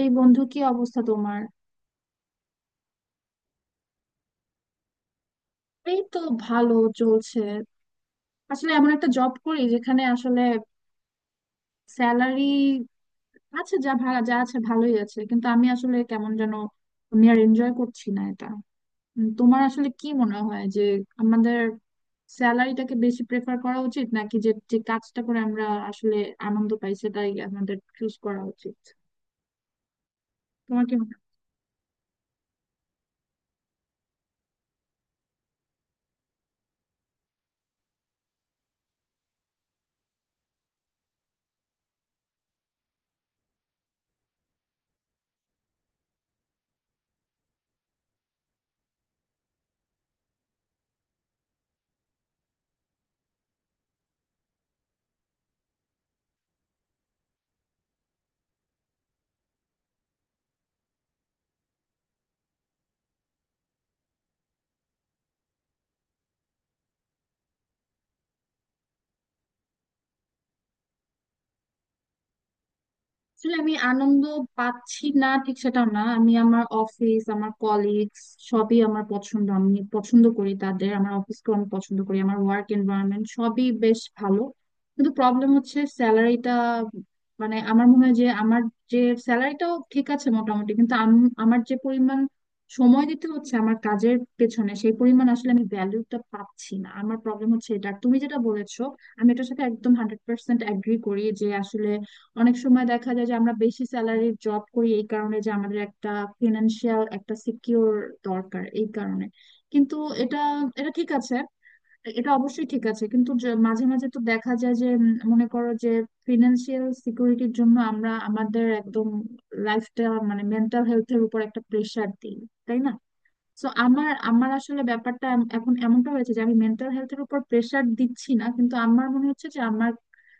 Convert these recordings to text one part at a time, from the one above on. এই বন্ধু, কি অবস্থা তোমার? এই তো, ভালো, চলছে। আসলে এমন একটা জব করি যেখানে আসলে স্যালারি আছে, যা ভাড়া যা আছে ভালোই আছে, কিন্তু আমি আসলে কেমন যেন, আমি আর এনজয় করছি না এটা। তোমার আসলে কি মনে হয় যে আমাদের স্যালারিটাকে বেশি প্রেফার করা উচিত, নাকি যে যে কাজটা করে আমরা আসলে আনন্দ পাই সেটাই আমাদের চুজ করা উচিত? তোমার কি? আসলে আমি আনন্দ পাচ্ছি না ঠিক সেটা না, আমি আমার অফিস, আমার কলিগস, সবই আমার পছন্দ, আমি পছন্দ করি তাদের, আমার অফিসকে আমি পছন্দ করি, আমার ওয়ার্ক এনভায়রনমেন্ট সবই বেশ ভালো। কিন্তু প্রবলেম হচ্ছে স্যালারিটা, মানে আমার মনে হয় যে আমার যে স্যালারিটাও ঠিক আছে মোটামুটি, কিন্তু আমার যে পরিমাণ সময় দিতে হচ্ছে আমার কাজের পেছনে সেই পরিমাণ আসলে আমি ভ্যালুটা পাচ্ছি না, আমার প্রবলেম হচ্ছে এটা। আর তুমি যেটা বলেছো, আমি এটার সাথে একদম 100% অ্যাগ্রি করি যে আসলে অনেক সময় দেখা যায় যে আমরা বেশি স্যালারির জব করি এই কারণে যে আমাদের একটা ফিনান্সিয়াল একটা সিকিউর দরকার এই কারণে। কিন্তু এটা এটা ঠিক আছে, এটা অবশ্যই ঠিক আছে, কিন্তু যে মাঝে মাঝে তো দেখা যায় যে, মনে করো যে ফিনান্সিয়াল সিকিউরিটির জন্য আমরা আমাদের একদম লাইফটা, মানে মেন্টাল হেলথের উপর একটা প্রেশার দিই, তাই না? তো আমার আমার আসলে ব্যাপারটা এখন এমনটা হয়েছে যে আমি মেন্টাল হেলথের উপর প্রেসার দিচ্ছি না, কিন্তু আমার মনে হচ্ছে যে আমার,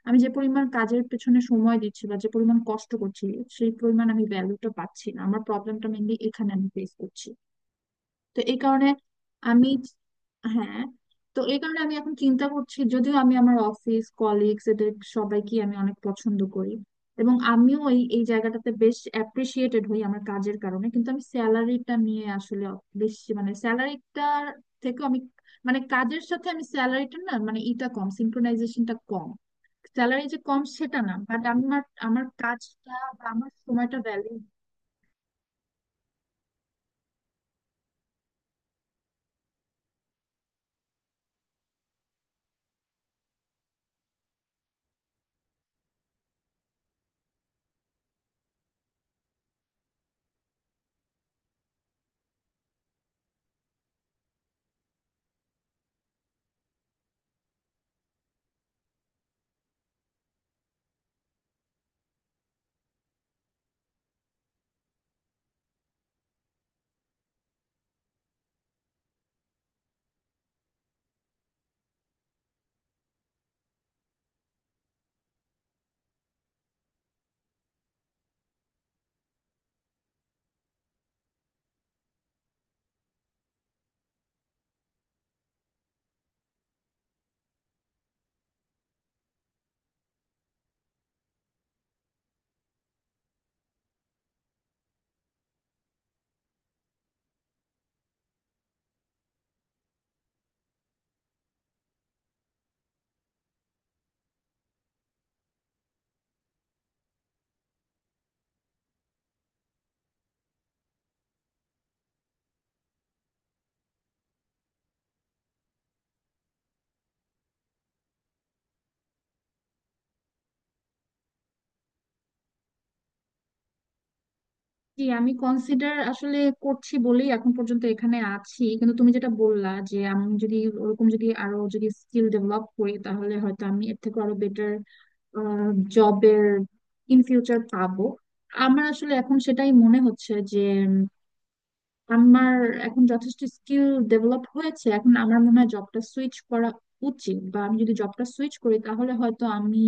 আমি যে পরিমাণ কাজের পেছনে সময় দিচ্ছি বা যে পরিমাণ কষ্ট করছি সেই পরিমাণ আমি ভ্যালুটা পাচ্ছি না, আমার প্রবলেমটা মেনলি এখানে আমি ফেস করছি। তো এই কারণে আমি, হ্যাঁ, তো এই কারণে আমি এখন চিন্তা করছি, যদিও আমি আমার অফিস কলিগস এদের সবাইকে আমি অনেক পছন্দ করি এবং আমিও এই এই জায়গাটাতে বেশ অ্যাপ্রিসিয়েটেড হই আমার কাজের কারণে, কিন্তু আমি স্যালারিটা নিয়ে আসলে বেশি, মানে স্যালারিটার থেকে আমি, মানে কাজের সাথে আমি স্যালারিটা না, মানে ইটা কম, সিনক্রোনাইজেশনটা কম, স্যালারি যে কম সেটা না, বাট আমার আমার কাজটা বা আমার সময়টা ভ্যালু। জি, আমি কনসিডার আসলে করছি বলেই এখন পর্যন্ত এখানে আছি, কিন্তু তুমি যেটা বললা যে আমি যদি ওরকম যদি আরো যদি স্কিল ডেভেলপ করি তাহলে হয়তো আমি এর থেকে আরো বেটার জবের ইন ফিউচার পাবো। আমার আসলে এখন সেটাই মনে হচ্ছে যে আমার এখন যথেষ্ট স্কিল ডেভেলপ হয়েছে, এখন আমার মনে হয় জবটা সুইচ করা উচিত, বা আমি যদি জবটা সুইচ করি তাহলে হয়তো আমি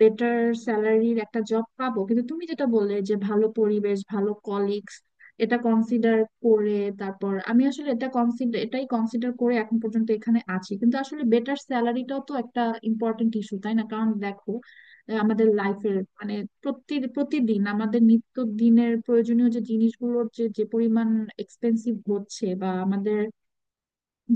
বেটার স্যালারির একটা জব পাবো। কিন্তু তুমি যেটা বললে যে ভালো পরিবেশ ভালো কলিগস, এটা কনসিডার করে তারপর আমি আসলে এটা কনসিডার, এটাই কনসিডার করে এখন পর্যন্ত এখানে আছি, কিন্তু আসলে বেটার স্যালারিটাও তো একটা ইম্পর্টেন্ট ইস্যু, তাই না? কারণ দেখো, আমাদের লাইফের, মানে প্রতিদিন আমাদের নিত্য দিনের প্রয়োজনীয় যে জিনিসগুলোর যে যে পরিমাণ এক্সপেন্সিভ হচ্ছে বা আমাদের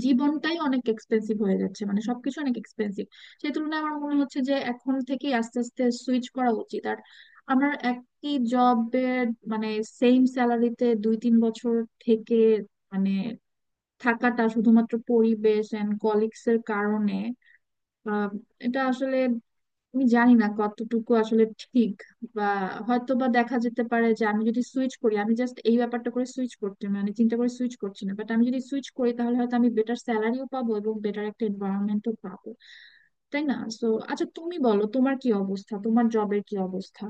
জীবনটাই অনেক এক্সপেন্সিভ হয়ে যাচ্ছে, মানে সবকিছু অনেক এক্সপেন্সিভ। সেই তুলনায় আমার মনে হচ্ছে যে এখন থেকে আস্তে আস্তে সুইচ করা উচিত, আর আমার একই জবের, মানে সেম স্যালারিতে 2-3 বছর থেকে, মানে থাকাটা শুধুমাত্র পরিবেশ এন্ড কলিগস এর কারণে, আহ, এটা আসলে আমি জানি না কতটুকু আসলে ঠিক, বা হয়তো বা দেখা যেতে পারে যে আমি যদি সুইচ করি, আমি জাস্ট এই ব্যাপারটা করে সুইচ করতে, মানে চিন্তা করে সুইচ করছি না, বাট আমি যদি সুইচ করি তাহলে হয়তো আমি বেটার স্যালারিও পাবো এবং বেটার একটা এনভায়রনমেন্টও পাবো, তাই না? সো আচ্ছা, তুমি বলো তোমার কি অবস্থা, তোমার জবের কি অবস্থা?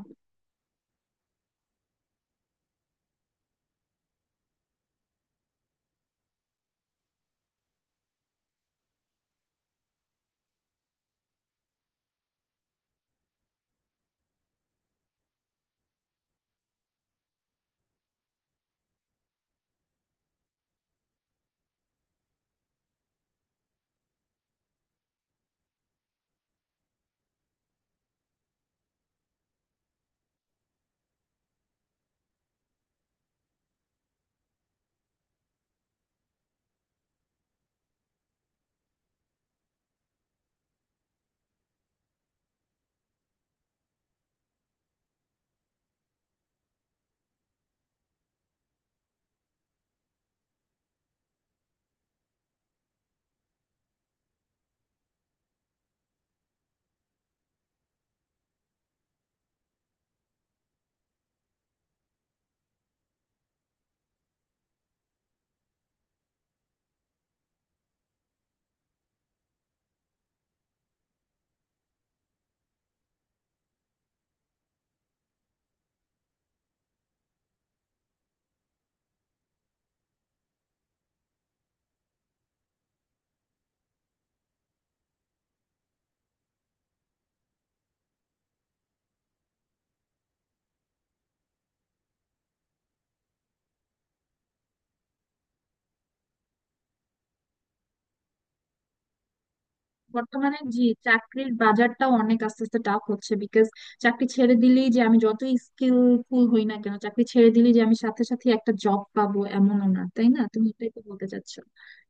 বর্তমানে, জি, চাকরির বাজারটা অনেক আস্তে আস্তে টাফ হচ্ছে, বিকজ চাকরি ছেড়ে দিলেই যে আমি যত স্কিলফুল হই না কেন, চাকরি ছেড়ে দিলেই যে আমি সাথে সাথে একটা জব পাবো এমনও না, তাই না? তুমি এটাই তো বলতে চাচ্ছ?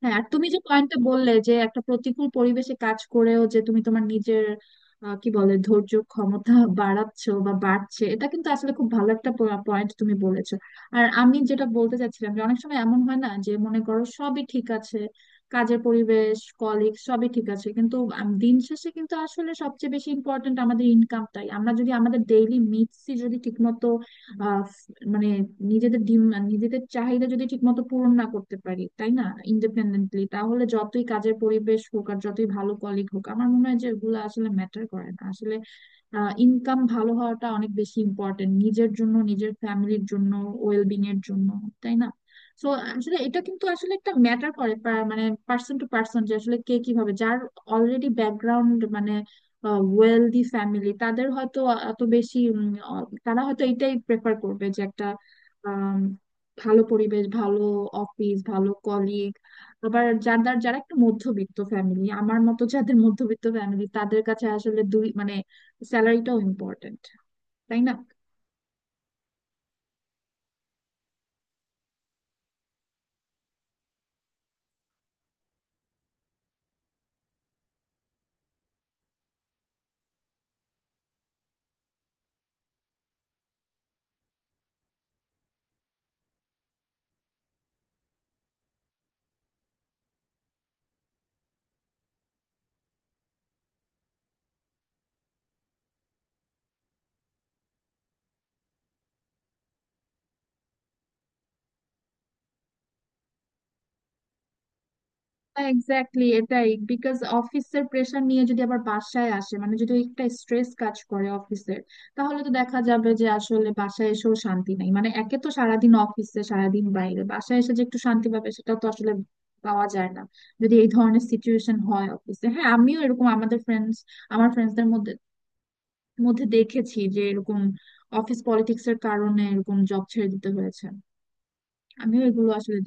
হ্যাঁ, আর তুমি যে পয়েন্টটা বললে যে একটা প্রতিকূল পরিবেশে কাজ করেও যে তুমি তোমার নিজের, কি বলে, ধৈর্য ক্ষমতা বাড়াচ্ছো বা বাড়ছে, এটা কিন্তু আসলে খুব ভালো একটা পয়েন্ট তুমি বলেছো। আর আমি যেটা বলতে চাচ্ছিলাম যে অনেক সময় এমন হয় না যে, মনে করো সবই ঠিক আছে, কাজের পরিবেশ কলিগ সবই ঠিক আছে, কিন্তু দিন শেষে কিন্তু আসলে সবচেয়ে বেশি ইম্পর্ট্যান্ট আমাদের ইনকামটাই, আমরা যদি আমাদের ডেইলি নিডসই যদি ঠিকমতো, আহ, মানে নিজেদের নিজেদের চাহিদা যদি ঠিকমতো পূরণ না করতে পারি, তাই না? ইন্ডিপেন্ডেন্টলি, তাহলে যতই কাজের পরিবেশ হোক আর যতই ভালো কলিগ হোক, আমার মনে হয় যে এগুলো আসলে ম্যাটার করে না আসলে। ইনকাম ভালো হওয়াটা অনেক বেশি ইম্পর্টেন্ট, নিজের জন্য নিজের ফ্যামিলির জন্য ওয়েলবিং এর জন্য, তাই না? তো আসলে এটা কিন্তু আসলে একটা ম্যাটার করে মানে পার্সন টু পার্সন, যে আসলে কে কিভাবে, যার অলরেডি ব্যাকগ্রাউন্ড মানে ওয়েলদি ফ্যামিলি, তাদের হয়তো এত বেশি তারা হয়তো এটাই প্রেফার করবে যে একটা আম, ভালো পরিবেশ, ভালো অফিস, ভালো কলিগ। আবার যারা যারা একটু মধ্যবিত্ত ফ্যামিলি, আমার মতো যাদের মধ্যবিত্ত ফ্যামিলি, তাদের কাছে আসলে দুই, মানে স্যালারিটাও ইম্পর্টেন্ট, তাই না? এক্স্যাক্টলি এটাই। বিকজ অফিসের প্রেশার নিয়ে যদি আবার বাসায় আসে, মানে যদি একটা স্ট্রেস কাজ করে অফিসের, তাহলে তো দেখা যাবে যে আসলে বাসায় এসেও শান্তি নাই, মানে একে তো সারাদিন অফিসে, সারাদিন বাইরে, বাসায় এসে যে একটু শান্তি পাবে সেটা তো আসলে পাওয়া যায় না যদি এই ধরনের সিচুয়েশন হয় অফিসে। হ্যাঁ, আমিও এরকম আমাদের ফ্রেন্ডস, আমার ফ্রেন্ডসদের মধ্যে মধ্যে দেখেছি যে এরকম অফিস পলিটিক্স এর কারণে এরকম জব ছেড়ে দিতে হয়েছে, আমিও এগুলো আসলে।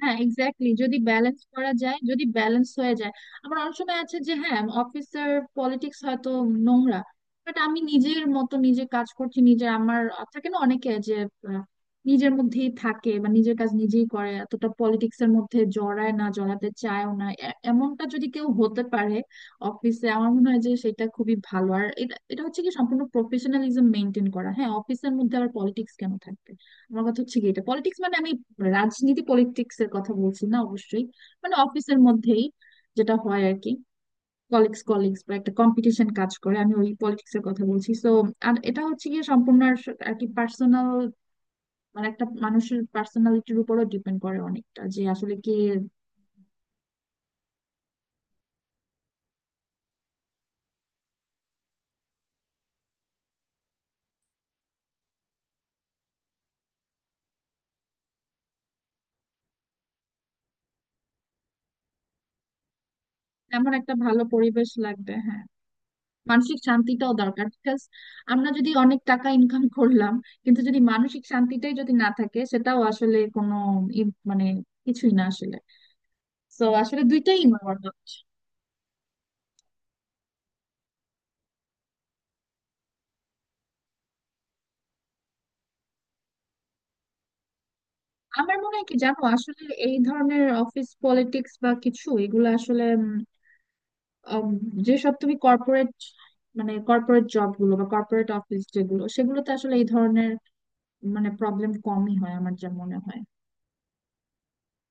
হ্যাঁ এক্স্যাক্টলি, যদি ব্যালেন্স করা যায়, যদি ব্যালেন্স হয়ে যায়। আমার অনেক সময় আছে যে, হ্যাঁ অফিসের পলিটিক্স হয়তো নোংরা, বাট আমি নিজের মতো নিজে কাজ করছি, নিজের আমার থাকে না। অনেকে যে আহ, নিজের মধ্যেই থাকে বা নিজের কাজ নিজেই করে, এতটা পলিটিক্স এর মধ্যে জড়ায় না জড়াতে চায়ও না, এমনটা যদি কেউ হতে পারে অফিসে, আমার মনে হয় যে সেটা খুবই ভালো। আর এটা এটা হচ্ছে কি সম্পূর্ণ প্রফেশনালিজম মেনটেন করা, হ্যাঁ। অফিসের মধ্যে আবার পলিটিক্স কেন থাকবে? আমার কথা হচ্ছে কি, এটা পলিটিক্স মানে আমি রাজনীতি পলিটিক্স এর কথা বলছি না, অবশ্যই। মানে অফিসের মধ্যেই যেটা হয় আর কি, কলিগস কলিগস বা একটা কম্পিটিশন কাজ করে, আমি ওই পলিটিক্স এর কথা বলছি, সো আর এটা হচ্ছে গিয়ে সম্পূর্ণ আর আর কি পার্সোনাল, মানে একটা মানুষের পার্সোনালিটির উপরও ডিপেন্ড করে অনেকটা যে আসলে কে। এমন একটা ভালো পরিবেশ লাগবে, হ্যাঁ। মানসিক শান্তিটাও দরকার, বিকজ আমরা যদি অনেক টাকা ইনকাম করলাম কিন্তু যদি মানসিক শান্তিটাই যদি না থাকে, সেটাও আসলে কোনো মানে কিছুই না আসলে। তো আসলে দুইটাই ইম্পর্টেন্ট। আমার মনে হয় কি জানো, আসলে এই ধরনের অফিস পলিটিক্স বা কিছু এগুলো আসলে আম, যেসব তুমি কর্পোরেট, মানে কর্পোরেট জব গুলো বা কর্পোরেট অফিস যেগুলো, সেগুলোতে আসলে এই ধরনের মানে প্রবলেম কমই হয়, আমার যা মনে হয়।